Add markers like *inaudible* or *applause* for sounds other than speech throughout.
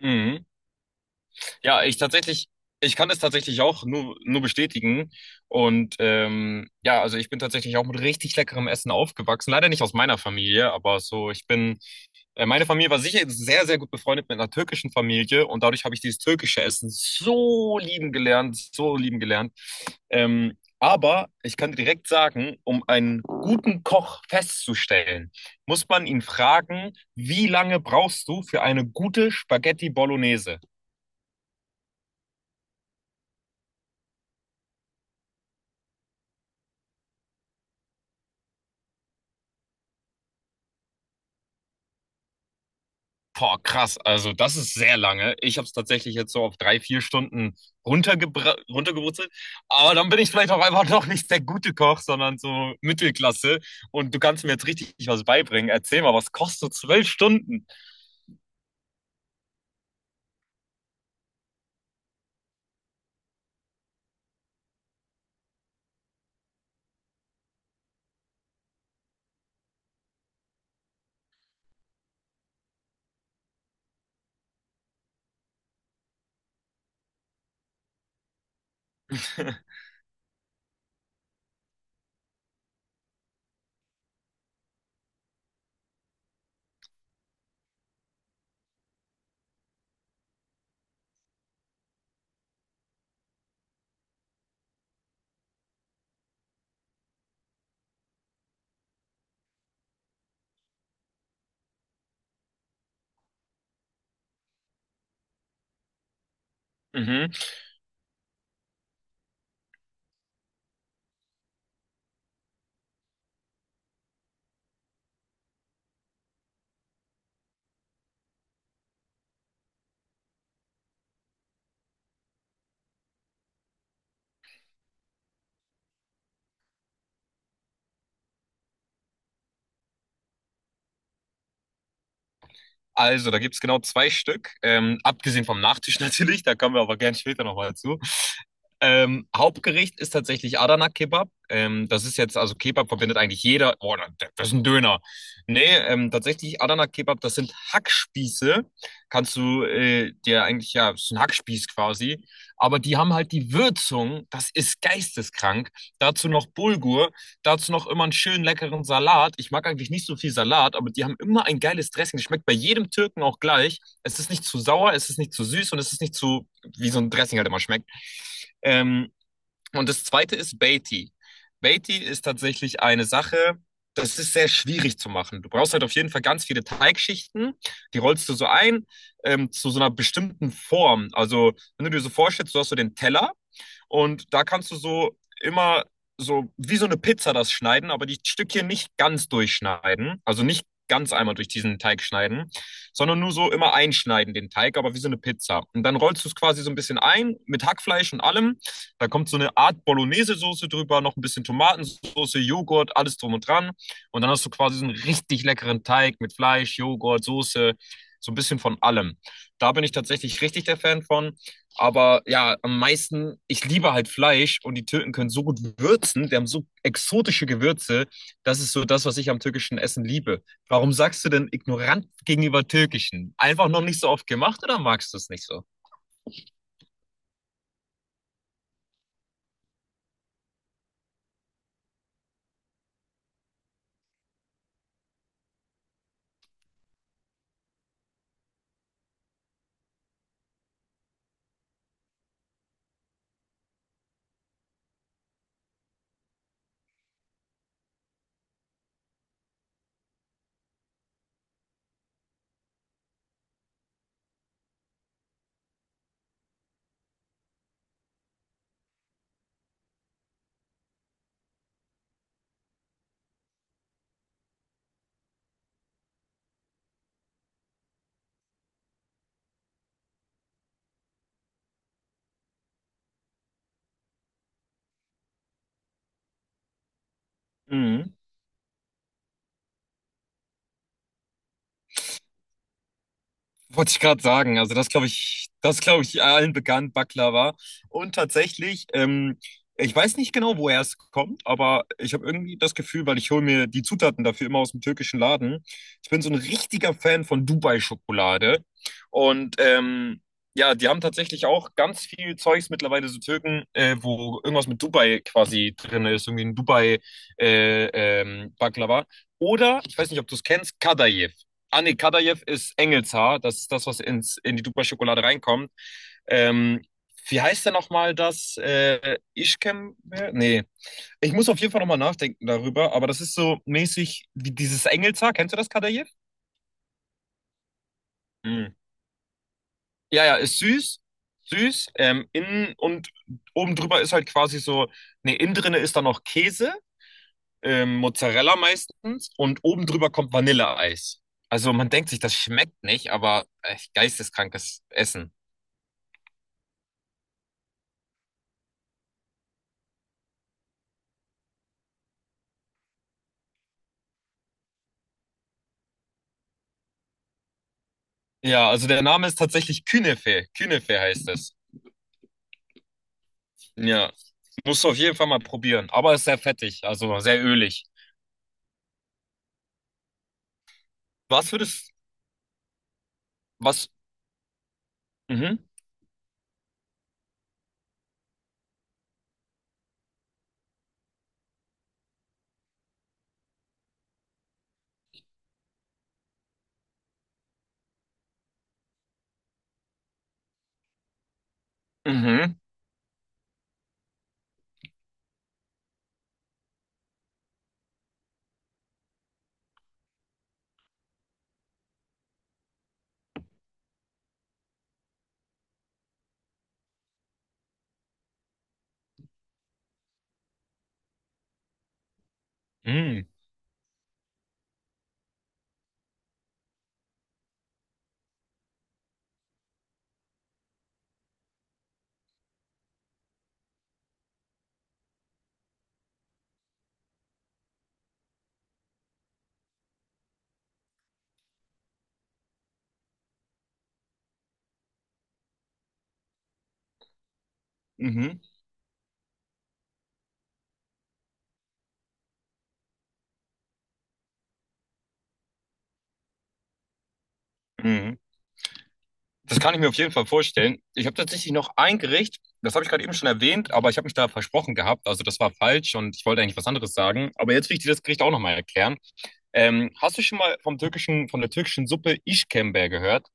Mhm. Ja, ich tatsächlich, ich kann es tatsächlich auch nur, bestätigen. Und ja, also ich bin tatsächlich auch mit richtig leckerem Essen aufgewachsen. Leider nicht aus meiner Familie, aber so, meine Familie war sicher sehr, sehr gut befreundet mit einer türkischen Familie und dadurch habe ich dieses türkische Essen so lieben gelernt, so lieben gelernt. Ähm, aber ich kann dir direkt sagen, um einen guten Koch festzustellen, muss man ihn fragen, wie lange brauchst du für eine gute Spaghetti Bolognese? Boah, krass. Also das ist sehr lange. Ich habe es tatsächlich jetzt so auf drei, vier Stunden runtergebra runtergebrutzelt. Aber dann bin ich vielleicht auch einfach *laughs* noch nicht der gute Koch, sondern so Mittelklasse. Und du kannst mir jetzt richtig was beibringen. Erzähl mal, was kostet zwölf Stunden? *laughs* Mhm. Also, da gibt es genau zwei Stück. Abgesehen vom Nachtisch *laughs* natürlich, da kommen wir aber gerne später nochmal zu. Hauptgericht ist tatsächlich Adana Kebab. Das ist jetzt, also Kebab verbindet eigentlich jeder. Oh, das ist ein Döner. Nee, tatsächlich Adana Kebab, das sind Hackspieße. Kannst du dir eigentlich, ja, ist ein Hackspieß quasi. Aber die haben halt die Würzung, das ist geisteskrank. Dazu noch Bulgur, dazu noch immer einen schönen leckeren Salat. Ich mag eigentlich nicht so viel Salat, aber die haben immer ein geiles Dressing. Das Schmeckt bei jedem Türken auch gleich. Es ist nicht zu sauer, es ist nicht zu süß und es ist nicht zu, wie so ein Dressing halt immer schmeckt. Ähm, und das zweite ist Beatty. Beatty ist tatsächlich eine Sache, das ist sehr schwierig zu machen. Du brauchst halt auf jeden Fall ganz viele Teigschichten, die rollst du so ein zu so einer bestimmten Form. Also, wenn du dir so vorstellst, du hast so den Teller und da kannst du so immer so wie so eine Pizza das schneiden, aber die Stückchen nicht ganz durchschneiden, also nicht ganz einmal durch diesen Teig schneiden, sondern nur so immer einschneiden den Teig, aber wie so eine Pizza. Und dann rollst du es quasi so ein bisschen ein mit Hackfleisch und allem. Da kommt so eine Art Bolognese-Soße drüber, noch ein bisschen Tomatensauce, Joghurt, alles drum und dran. Und dann hast du quasi so einen richtig leckeren Teig mit Fleisch, Joghurt, Soße, so ein bisschen von allem. Da bin ich tatsächlich richtig der Fan von. Aber ja, am meisten, ich liebe halt Fleisch und die Türken können so gut würzen, die haben so exotische Gewürze. Das ist so das, was ich am türkischen Essen liebe. Warum sagst du denn ignorant gegenüber türkischen? Einfach noch nicht so oft gemacht oder magst du es nicht so? Mhm. Wollte ich gerade sagen. Also das glaube ich allen bekannt, Baklava. Und tatsächlich, ich weiß nicht genau, woher es kommt, aber ich habe irgendwie das Gefühl, weil ich hole mir die Zutaten dafür immer aus dem türkischen Laden. Ich bin so ein richtiger Fan von Dubai-Schokolade. Und ja, die haben tatsächlich auch ganz viel Zeugs mittlerweile, so Türken, wo irgendwas mit Dubai quasi drin ist, irgendwie ein Dubai Baklava. Oder, ich weiß nicht, ob du es kennst, Kadayif. Ah, nee, Kadaev ist Engelshaar. Das ist das, was in die Dupa-Schokolade reinkommt. Ähm, wie heißt denn nochmal das? Ischkem? Nee. Ich muss auf jeden Fall nochmal nachdenken darüber, aber das ist so mäßig wie dieses Engelshaar. Kennst du das, Kadaev? Mhm. Ja, ja, ist süß. Süß. Innen und oben drüber ist halt quasi so, nee, innen drinne ist dann noch Käse, Mozzarella meistens, und oben drüber kommt Vanilleeis. Also man denkt sich, das schmeckt nicht, aber echt geisteskrankes Essen. Ja, also der Name ist tatsächlich Künefe. Künefe heißt es. Ja, musst du auf jeden Fall mal probieren. Aber ist sehr fettig, also sehr ölig. Was würdest, was, mhm, mhm, mhm, mhm, mhm. Das kann ich mir auf jeden Fall vorstellen. Ich habe tatsächlich noch ein Gericht, das habe ich gerade eben schon erwähnt, aber ich habe mich da versprochen gehabt. Also das war falsch und ich wollte eigentlich was anderes sagen. Aber jetzt will ich dir das Gericht auch nochmal erklären. Hast du schon mal vom türkischen, von der türkischen Suppe İşkembe gehört?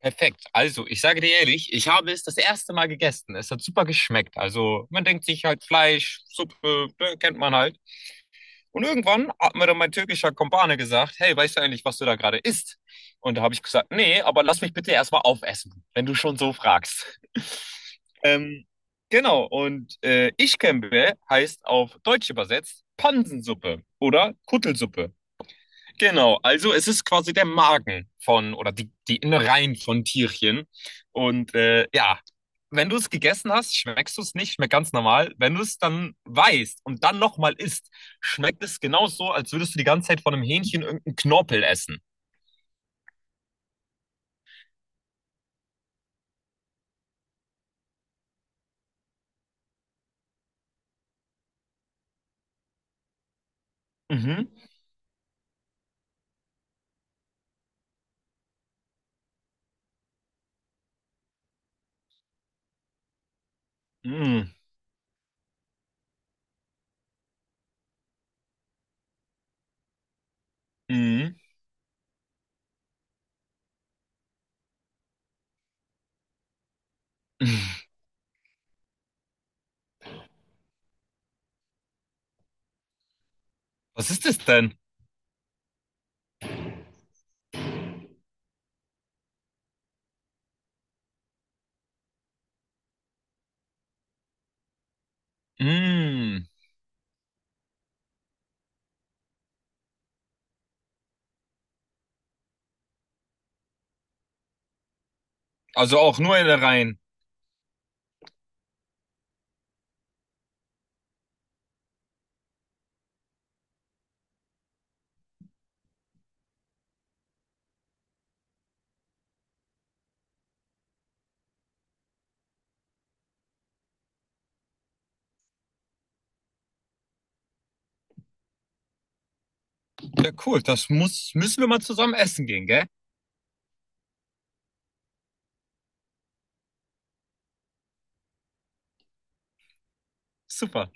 Perfekt. Also, ich sage dir ehrlich, ich habe es das erste Mal gegessen. Es hat super geschmeckt. Also, man denkt sich halt Fleisch, Suppe, ne, kennt man halt. Und irgendwann hat mir dann mein türkischer Kumpane gesagt, hey, weißt du eigentlich, was du da gerade isst? Und da habe ich gesagt, nee, aber lass mich bitte erstmal aufessen, wenn du schon so fragst. *laughs* Ähm, genau, und Işkembe heißt auf Deutsch übersetzt Pansensuppe oder Kuttelsuppe. Genau, also es ist quasi der Magen von oder die Innereien von Tierchen. Und ja, wenn du es gegessen hast, schmeckst du es nicht, schmeckt ganz normal. Wenn du es dann weißt und dann nochmal isst, schmeckt es genauso, als würdest du die ganze Zeit von einem Hähnchen irgendeinen Knorpel essen. Mhm. Mm. Mm. Was ist das denn? Mm. Also auch nur Innereien. Ja, cool, das muss, müssen wir mal zusammen essen gehen, gell? Super.